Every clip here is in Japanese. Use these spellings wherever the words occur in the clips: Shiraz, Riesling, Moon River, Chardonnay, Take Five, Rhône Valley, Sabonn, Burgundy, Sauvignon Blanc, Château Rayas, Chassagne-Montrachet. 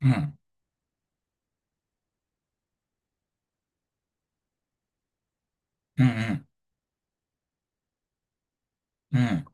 うん、うん、うん、うん、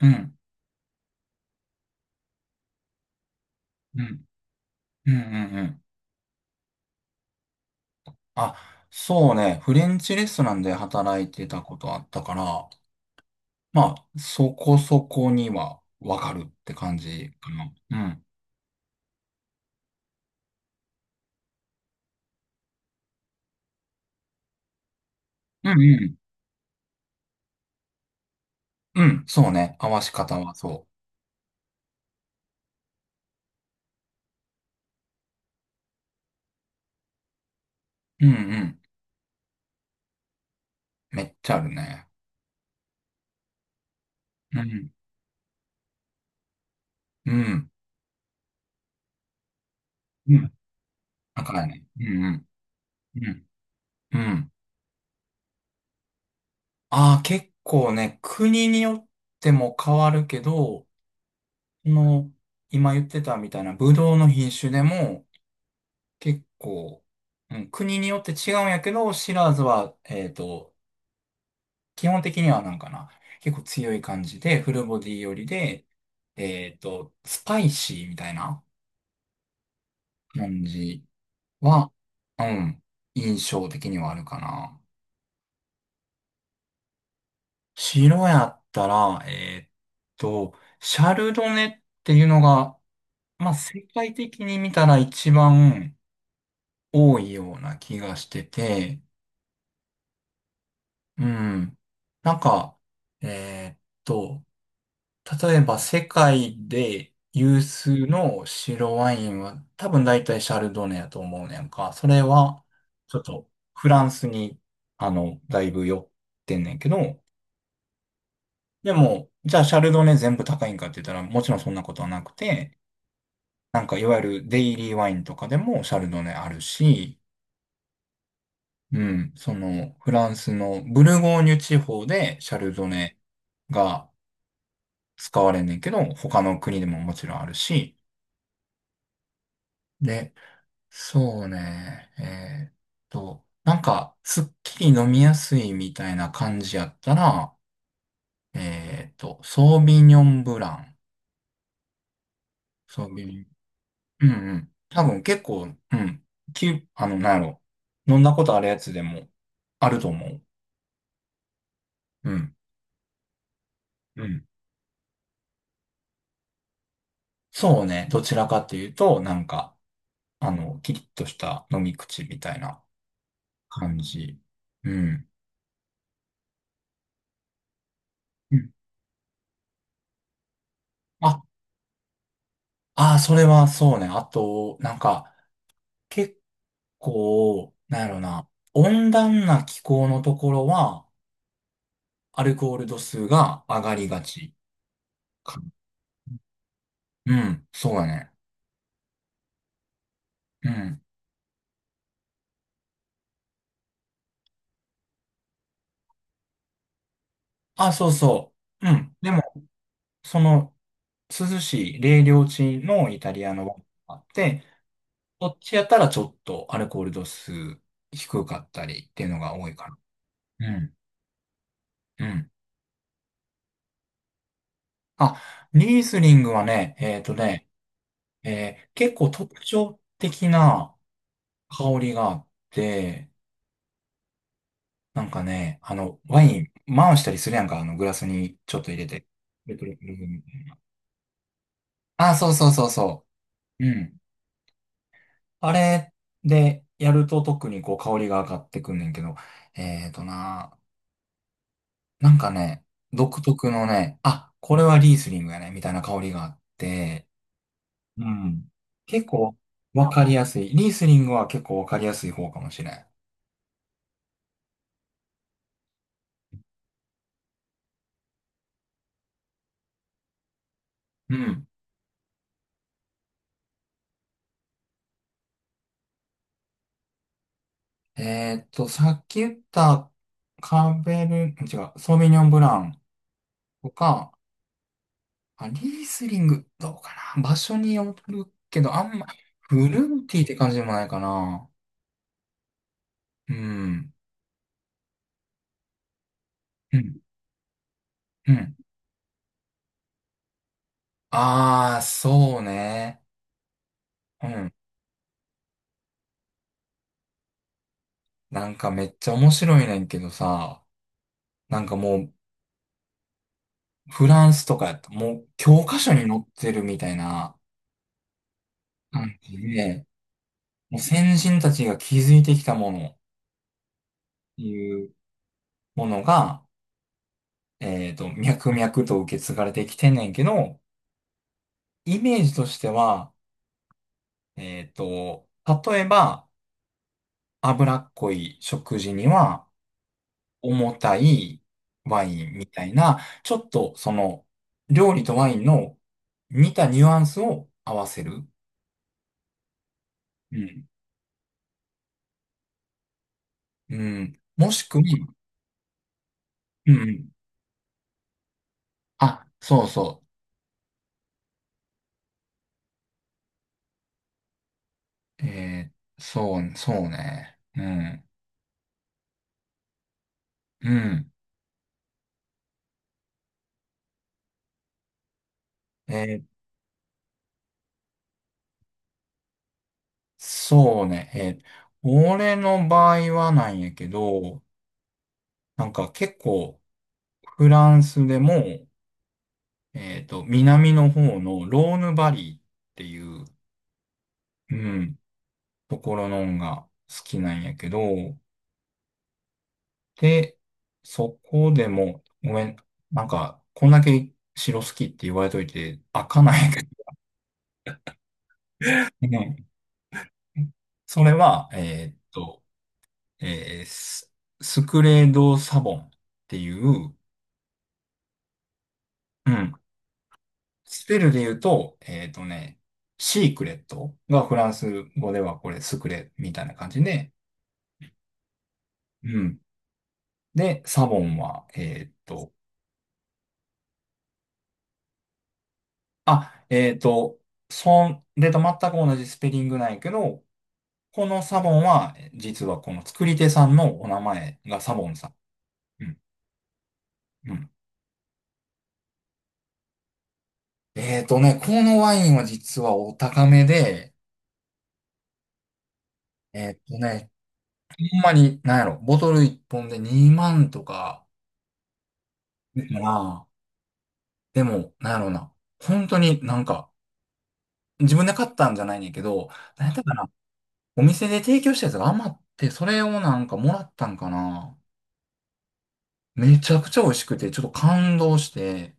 うん、うん、うん、うん。あ、そうね。フレンチレストランで働いてたことあったから、まあ、そこそこにはわかるって感じかな。うん、うん、うん、うん、そうね。合わし方はそう。ん。めっちゃあるね。うん、うん、うん。だからね。うん、うん、うん、うん。ああ、結構ね、国によっても変わるけど、その、今言ってたみたいな、ブドウの品種でも、結構、うん、国によって違うんやけど、シラーズは、基本的にはなんかな、結構強い感じで、フルボディ寄りで、スパイシーみたいな感じは、うん、印象的にはあるかな。白やったら、と、シャルドネっていうのが、まあ、世界的に見たら一番、多いような気がしてて、うん。なんか、えーっと、例えば世界で有数の白ワインは多分大体シャルドネやと思うねんか。それは、ちょっとフランスに、あの、だいぶ寄ってんねんけど、でも、じゃあシャルドネ全部高いんかって言ったら、もちろんそんなことはなくて、なんかいわゆるデイリーワインとかでもシャルドネあるし、うん、その、フランスのブルゴーニュ地方でシャルドネが使われんねんけど、他の国でももちろんあるし、で、そうね、なんか、すっきり飲みやすいみたいな感じやったら、ソービニョンブラン、ソービニョン、うんうん、多分結構、うん、あの、なんやろ、飲んだことあるやつでもあると思う。うん。うんそうね。どちらかというと、なんか、あの、キリッとした飲み口みたいな感じ。うんうんあ、あー、それはそうね。あと、なんか、結構、なんやろな、温暖な気候のところは、アルコール度数が上がりがちかな。うん、そうだね。うん。あ、そうそう。うん。でも、その、涼しい冷涼地のイタリアのワインがあって、こっちやったらちょっとアルコール度数低かったりっていうのが多いかな。うん。あ、リースリングはね、結構特徴的な香りがあって、なんかね、あの、ワイン回したりするやんか、あの、グラスにちょっと入れて。レトロフィルにあ、そうそうそうそう。うん。あれでやると特にこう香りが上がってくんねんけど、えっとな、なんかね、独特のね、あ、これはリースリングやね、みたいな香りがあって、うん。結構わかりやすい。リースリングは結構わかりやすい方かもしれん。うん。さっき言ったカーベル、違う、ソーヴィニョンブランとか、あ、リースリング、どうかな。場所によるけど、あんま、フルーティーって感じでもないかな。うん。うん。うん。あー、そうね。うん。なんかめっちゃ面白いねんけどさ、なんかもう、フランスとかやった、もう教科書に載ってるみたいななんで、もう先人たちが築いてきたものっていうものが、脈々と受け継がれてきてんねんけど、イメージとしては、えっと、例えば、脂っこい食事には重たいワインみたいな、ちょっとその、料理とワインの似たニュアンスを合わせる。うん。うん。もしくは、うんうん。あ、そうそう。えーそう、そうね。うん。うん。えーそうね。えー俺の場合はなんやけど、なんか結構フランスでも、南の方のローヌバリーっていう、うん、ところのんが好きなんやけど、で、そこでも、ごめん、なんか、こんだけ城好きって言われといて、開かないんやけどね。それは、えーススクレード・サボンっていう、うん。スペルで言うと、えっとね、シークレットがフランス語ではこれスクレみたいな感じで、うん。で、サボンは、あ、えっと、そんれと全く同じスペリングなんやけど、このサボンは、実はこの作り手さんのお名前がサボンさん。うん。うん。えっとね、このワインは実はお高めで、えっとね、ほんまに、なんやろ、ボトル1本で2万とか、まあ、でも、なんやろうな。本当になんか、自分で買ったんじゃないねんけど、なんやったかな。お店で提供したやつが余って、それをなんかもらったんかな。めちゃくちゃ美味しくて、ちょっと感動して、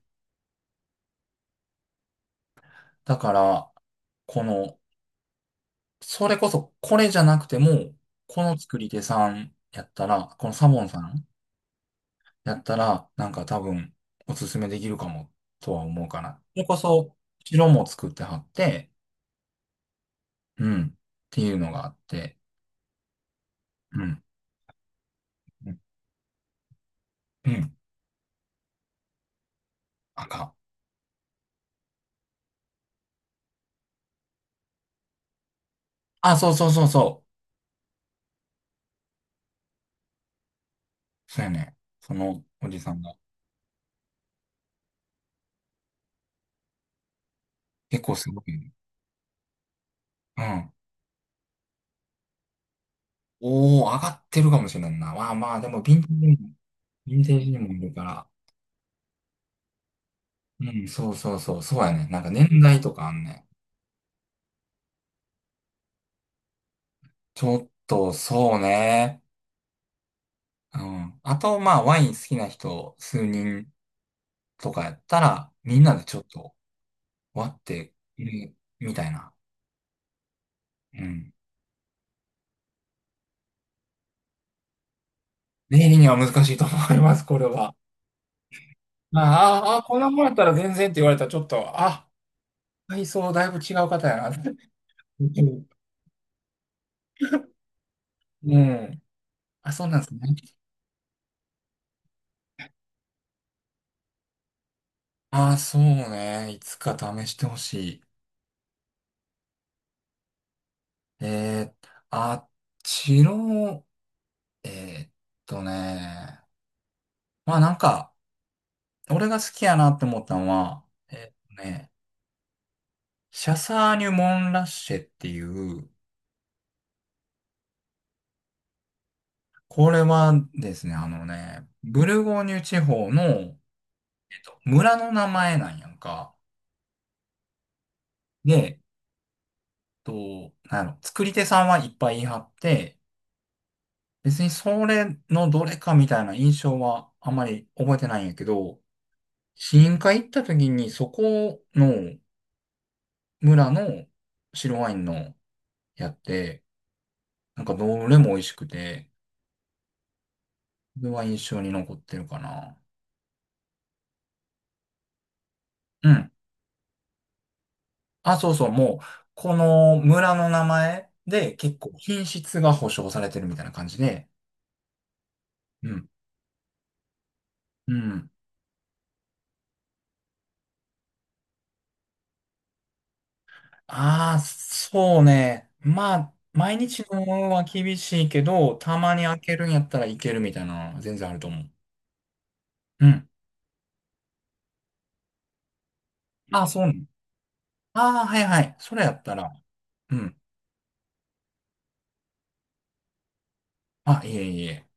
だから、この、それこそこれじゃなくても、この作り手さんやったら、このサボンさんやったら、なんか多分、おすすめできるかも、とは思うかな。それこそ、白も作ってはって、うん、っていうのがあって、うん。うんうんあか。あ、そうそうそうそう。そうやね。そのおじさんが。結構すごいね。うん。おー、上がってるかもしれんな。まあまあ、でも、ヴィンテージにもいるから。うん、そうそうそう。そうやね。なんか年代とかあんね。ちょっと、そうね。うん。あと、まあ、ワイン好きな人、数人とかやったら、みんなでちょっと割って入れみたいな。うん。例には難しいと思います、これは。まああ、あこんなもんやったら全然って言われたらちょっと、あ、体操だいぶ違う方やな。うん。うんあ、そうなんですね。あ、そうね。いつか試してほしい。えー、あっちの、えーっね。まあなんか、俺が好きやなって思ったのは、えーっとね、シャサーニュ・モン・ラッシェっていう、これはですね、あのね、ブルゴーニュ地方の、村の名前なんやんか。で、なんやろ、作り手さんはいっぱい言い張って、別にそれのどれかみたいな印象はあまり覚えてないんやけど、試飲会行った時にそこの村の白ワインのやって、なんかどれも美味しくて、それは印象に残ってるかな。うん。あ、そうそう、もう、この村の名前で結構品質が保証されてるみたいな感じで、うん。うん。ああ、そうね。まあ、毎日のは厳しいけど、たまに開けるんやったらいけるみたいなのは全然あると思う。うん。ああ、そうね。ああ、はいはい。それやったら。うん。あ、いえいえ。